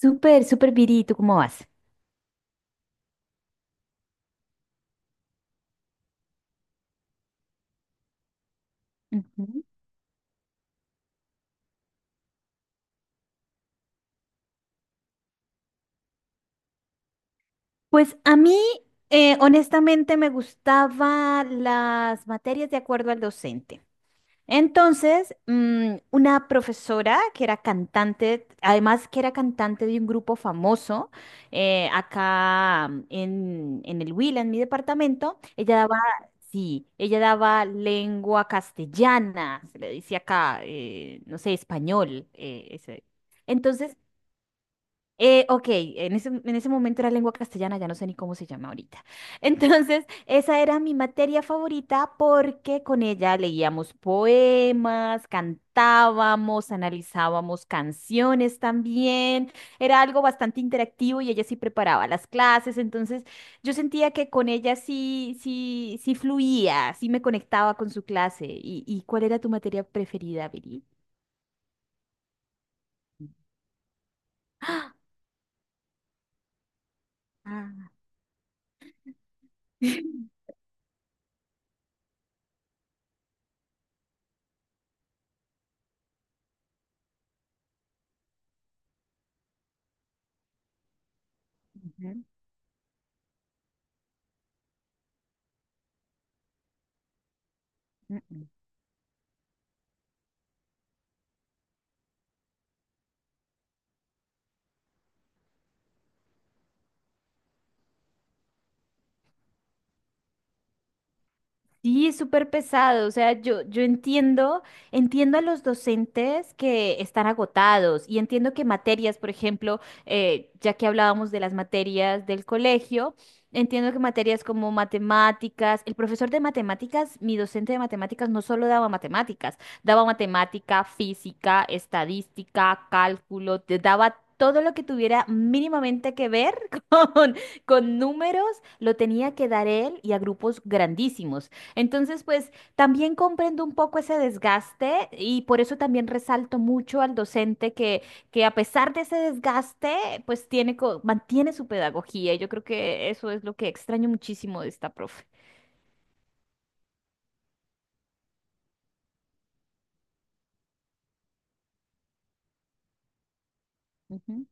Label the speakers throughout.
Speaker 1: Súper, súper Viri, ¿tú cómo vas? Ujú. Pues a mí, honestamente, me gustaban las materias de acuerdo al docente. Entonces, una profesora que era cantante, además que era cantante de un grupo famoso, acá, en el Huila, en mi departamento, ella daba, sí, ella daba lengua castellana, se le dice acá, no sé, español, ese. Entonces, ok, en ese momento era lengua castellana, ya no sé ni cómo se llama ahorita. Entonces, esa era mi materia favorita porque con ella leíamos poemas, cantábamos, analizábamos canciones también. Era algo bastante interactivo y ella sí preparaba las clases. Entonces, yo sentía que con ella sí fluía, sí me conectaba con su clase. ¿Y cuál era tu materia preferida, Viri? Ah, ujú, ujú. Sí, es súper pesado. O sea, yo entiendo, entiendo a los docentes que están agotados y entiendo que materias, por ejemplo, ya que hablábamos de las materias del colegio, entiendo que materias como matemáticas, el profesor de matemáticas, mi docente de matemáticas no solo daba matemáticas, daba matemática, física, estadística, cálculo, te daba todo lo que tuviera mínimamente que ver con, con números, lo tenía que dar él y a grupos grandísimos. Entonces, pues también comprendo un poco ese desgaste y por eso también resalto mucho al docente que a pesar de ese desgaste, pues tiene, mantiene su pedagogía. Yo creo que eso es lo que extraño muchísimo de esta profe. Ujú.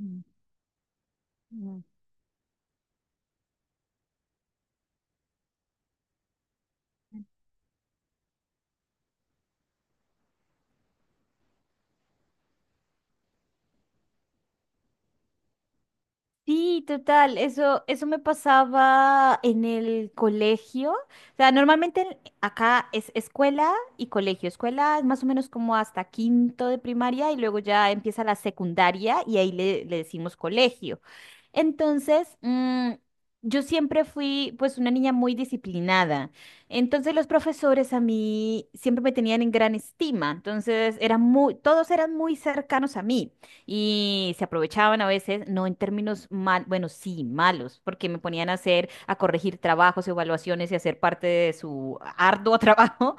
Speaker 1: Mm, mm. Sí, total, eso me pasaba en el colegio. O sea, normalmente acá es escuela y colegio. Escuela es más o menos como hasta quinto de primaria y luego ya empieza la secundaria y ahí le decimos colegio. Entonces, mm, yo siempre fui pues una niña muy disciplinada. Entonces los profesores a mí siempre me tenían en gran estima. Entonces, todos eran muy cercanos a mí. Y se aprovechaban a veces, no en términos mal, bueno, sí, malos, porque me ponían a hacer, a corregir trabajos, evaluaciones y hacer parte de su arduo trabajo,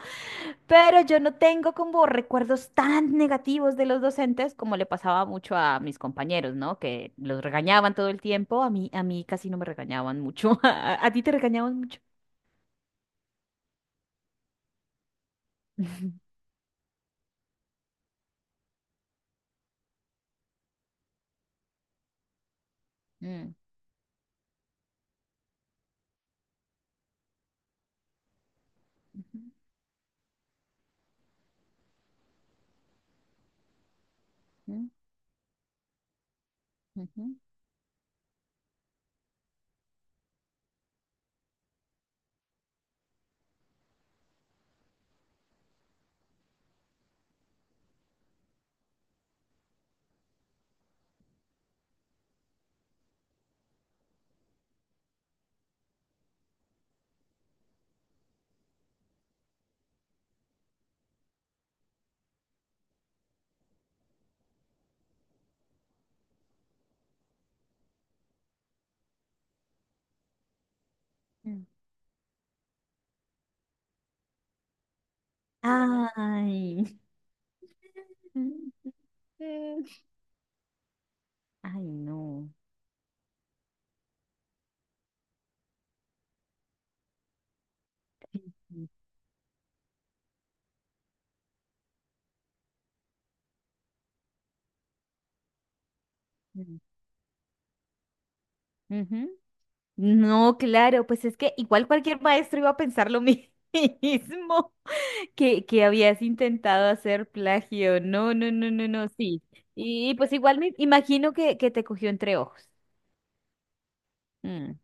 Speaker 1: pero yo no tengo como recuerdos tan negativos de los docentes como le pasaba mucho a mis compañeros, ¿no? Que los regañaban todo el tiempo, a mí casi no me regañaban mucho, a ti te regañaban mucho. Ujú. Mm, ujú, ujú, ujú, mm. Ay. Ay, no. Ujú. No, claro, pues es que igual cualquier maestro iba a pensar lo mismo que habías intentado hacer plagio. No, no, no, no, no, sí. Y pues igual me imagino que te cogió entre ojos. Mm.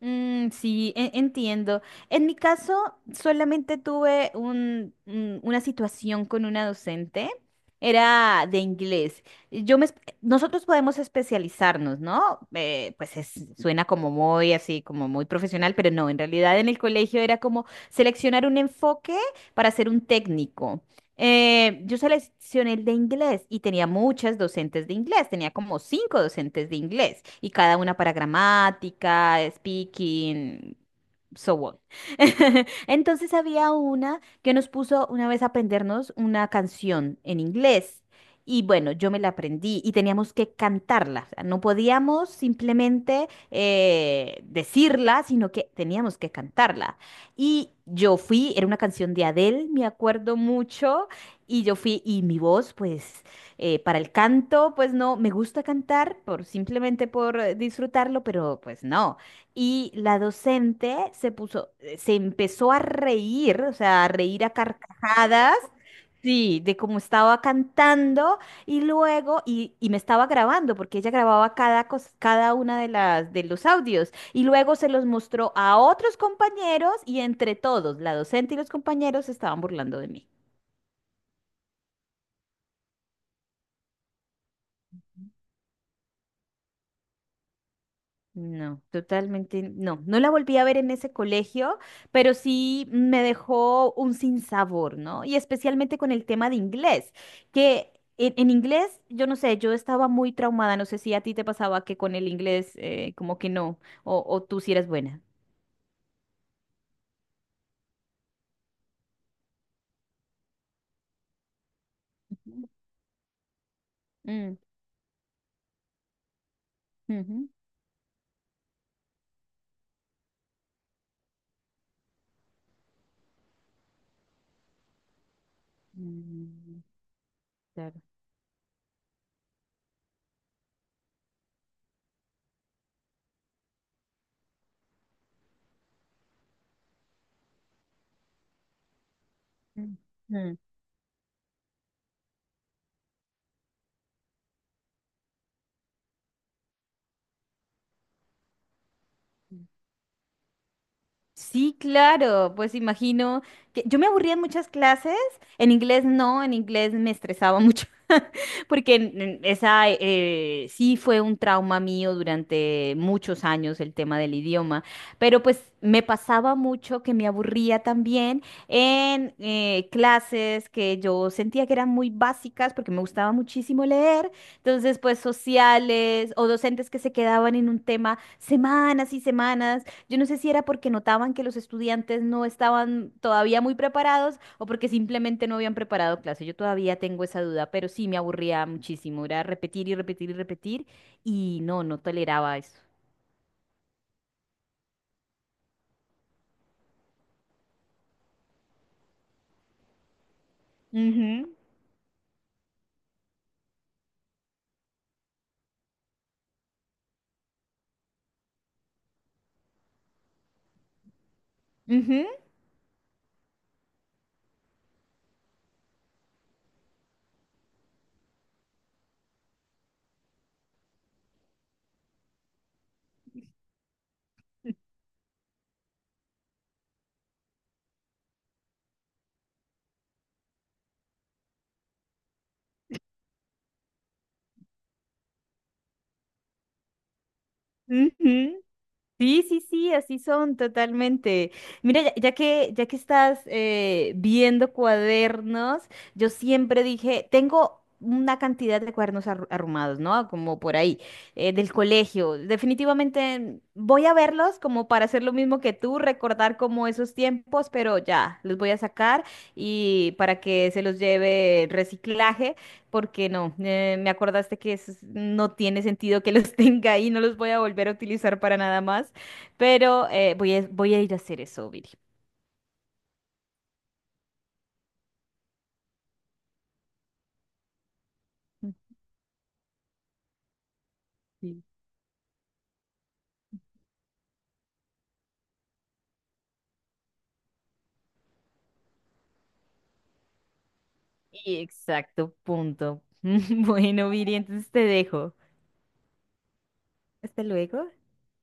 Speaker 1: Mm, sí, entiendo. En mi caso, solamente tuve una situación con una docente. Era de inglés. Nosotros podemos especializarnos, ¿no? Pues suena como muy así, como muy profesional, pero no, en realidad en el colegio era como seleccionar un enfoque para ser un técnico. Yo seleccioné el de inglés y tenía muchas docentes de inglés, tenía como cinco docentes de inglés y cada una para gramática, speaking so what. Entonces había una que nos puso una vez a aprendernos una canción en inglés. Y bueno, yo me la aprendí y teníamos que cantarla. O sea, no podíamos simplemente decirla, sino que teníamos que cantarla. Y yo fui, era una canción de Adele, me acuerdo mucho. Y yo fui, y mi voz, pues, para el canto, pues no, me gusta cantar por simplemente por disfrutarlo, pero pues no. Y la docente se puso, se empezó a reír, o sea, a reír a carcajadas, sí, de cómo estaba cantando y luego, y me estaba grabando, porque ella grababa cada una de de los audios, y luego se los mostró a otros compañeros y entre todos, la docente y los compañeros se estaban burlando de mí. No, totalmente no. No la volví a ver en ese colegio, pero sí me dejó un sinsabor, ¿no? Y especialmente con el tema de inglés, que en inglés, yo no sé, yo estaba muy traumada, no sé si a ti te pasaba que con el inglés como que no, o tú sí eres buena. Ujú. Mm, ujú. Mm, claro. Mm, mm. Sí, claro, pues imagino que yo me aburría en muchas clases, en inglés no, en inglés me estresaba mucho, porque en esa sí fue un trauma mío durante muchos años el tema del idioma, pero pues me pasaba mucho que me aburría también en clases que yo sentía que eran muy básicas porque me gustaba muchísimo leer, entonces pues sociales o docentes que se quedaban en un tema semanas y semanas. Yo no sé si era porque notaban que los estudiantes no estaban todavía muy preparados o porque simplemente no habían preparado clase. Yo todavía tengo esa duda, pero sí me aburría muchísimo. Era repetir y repetir y repetir y no, no toleraba eso. Ujú, Ujú. Ujú. Sí, sí, sí, así son totalmente. Mira, ya que estás viendo cuadernos, yo siempre dije, tengo una cantidad de cuadernos arrumados, ¿no? Como por ahí, del colegio. Definitivamente voy a verlos como para hacer lo mismo que tú, recordar como esos tiempos, pero ya, los voy a sacar y para que se los lleve el reciclaje porque no, me acordaste que no tiene sentido que los tenga ahí, no los voy a volver a utilizar para nada más, pero voy a ir a hacer eso, Viri. Sí. Exacto, punto. Bueno, Viri, entonces te dejo. Hasta luego.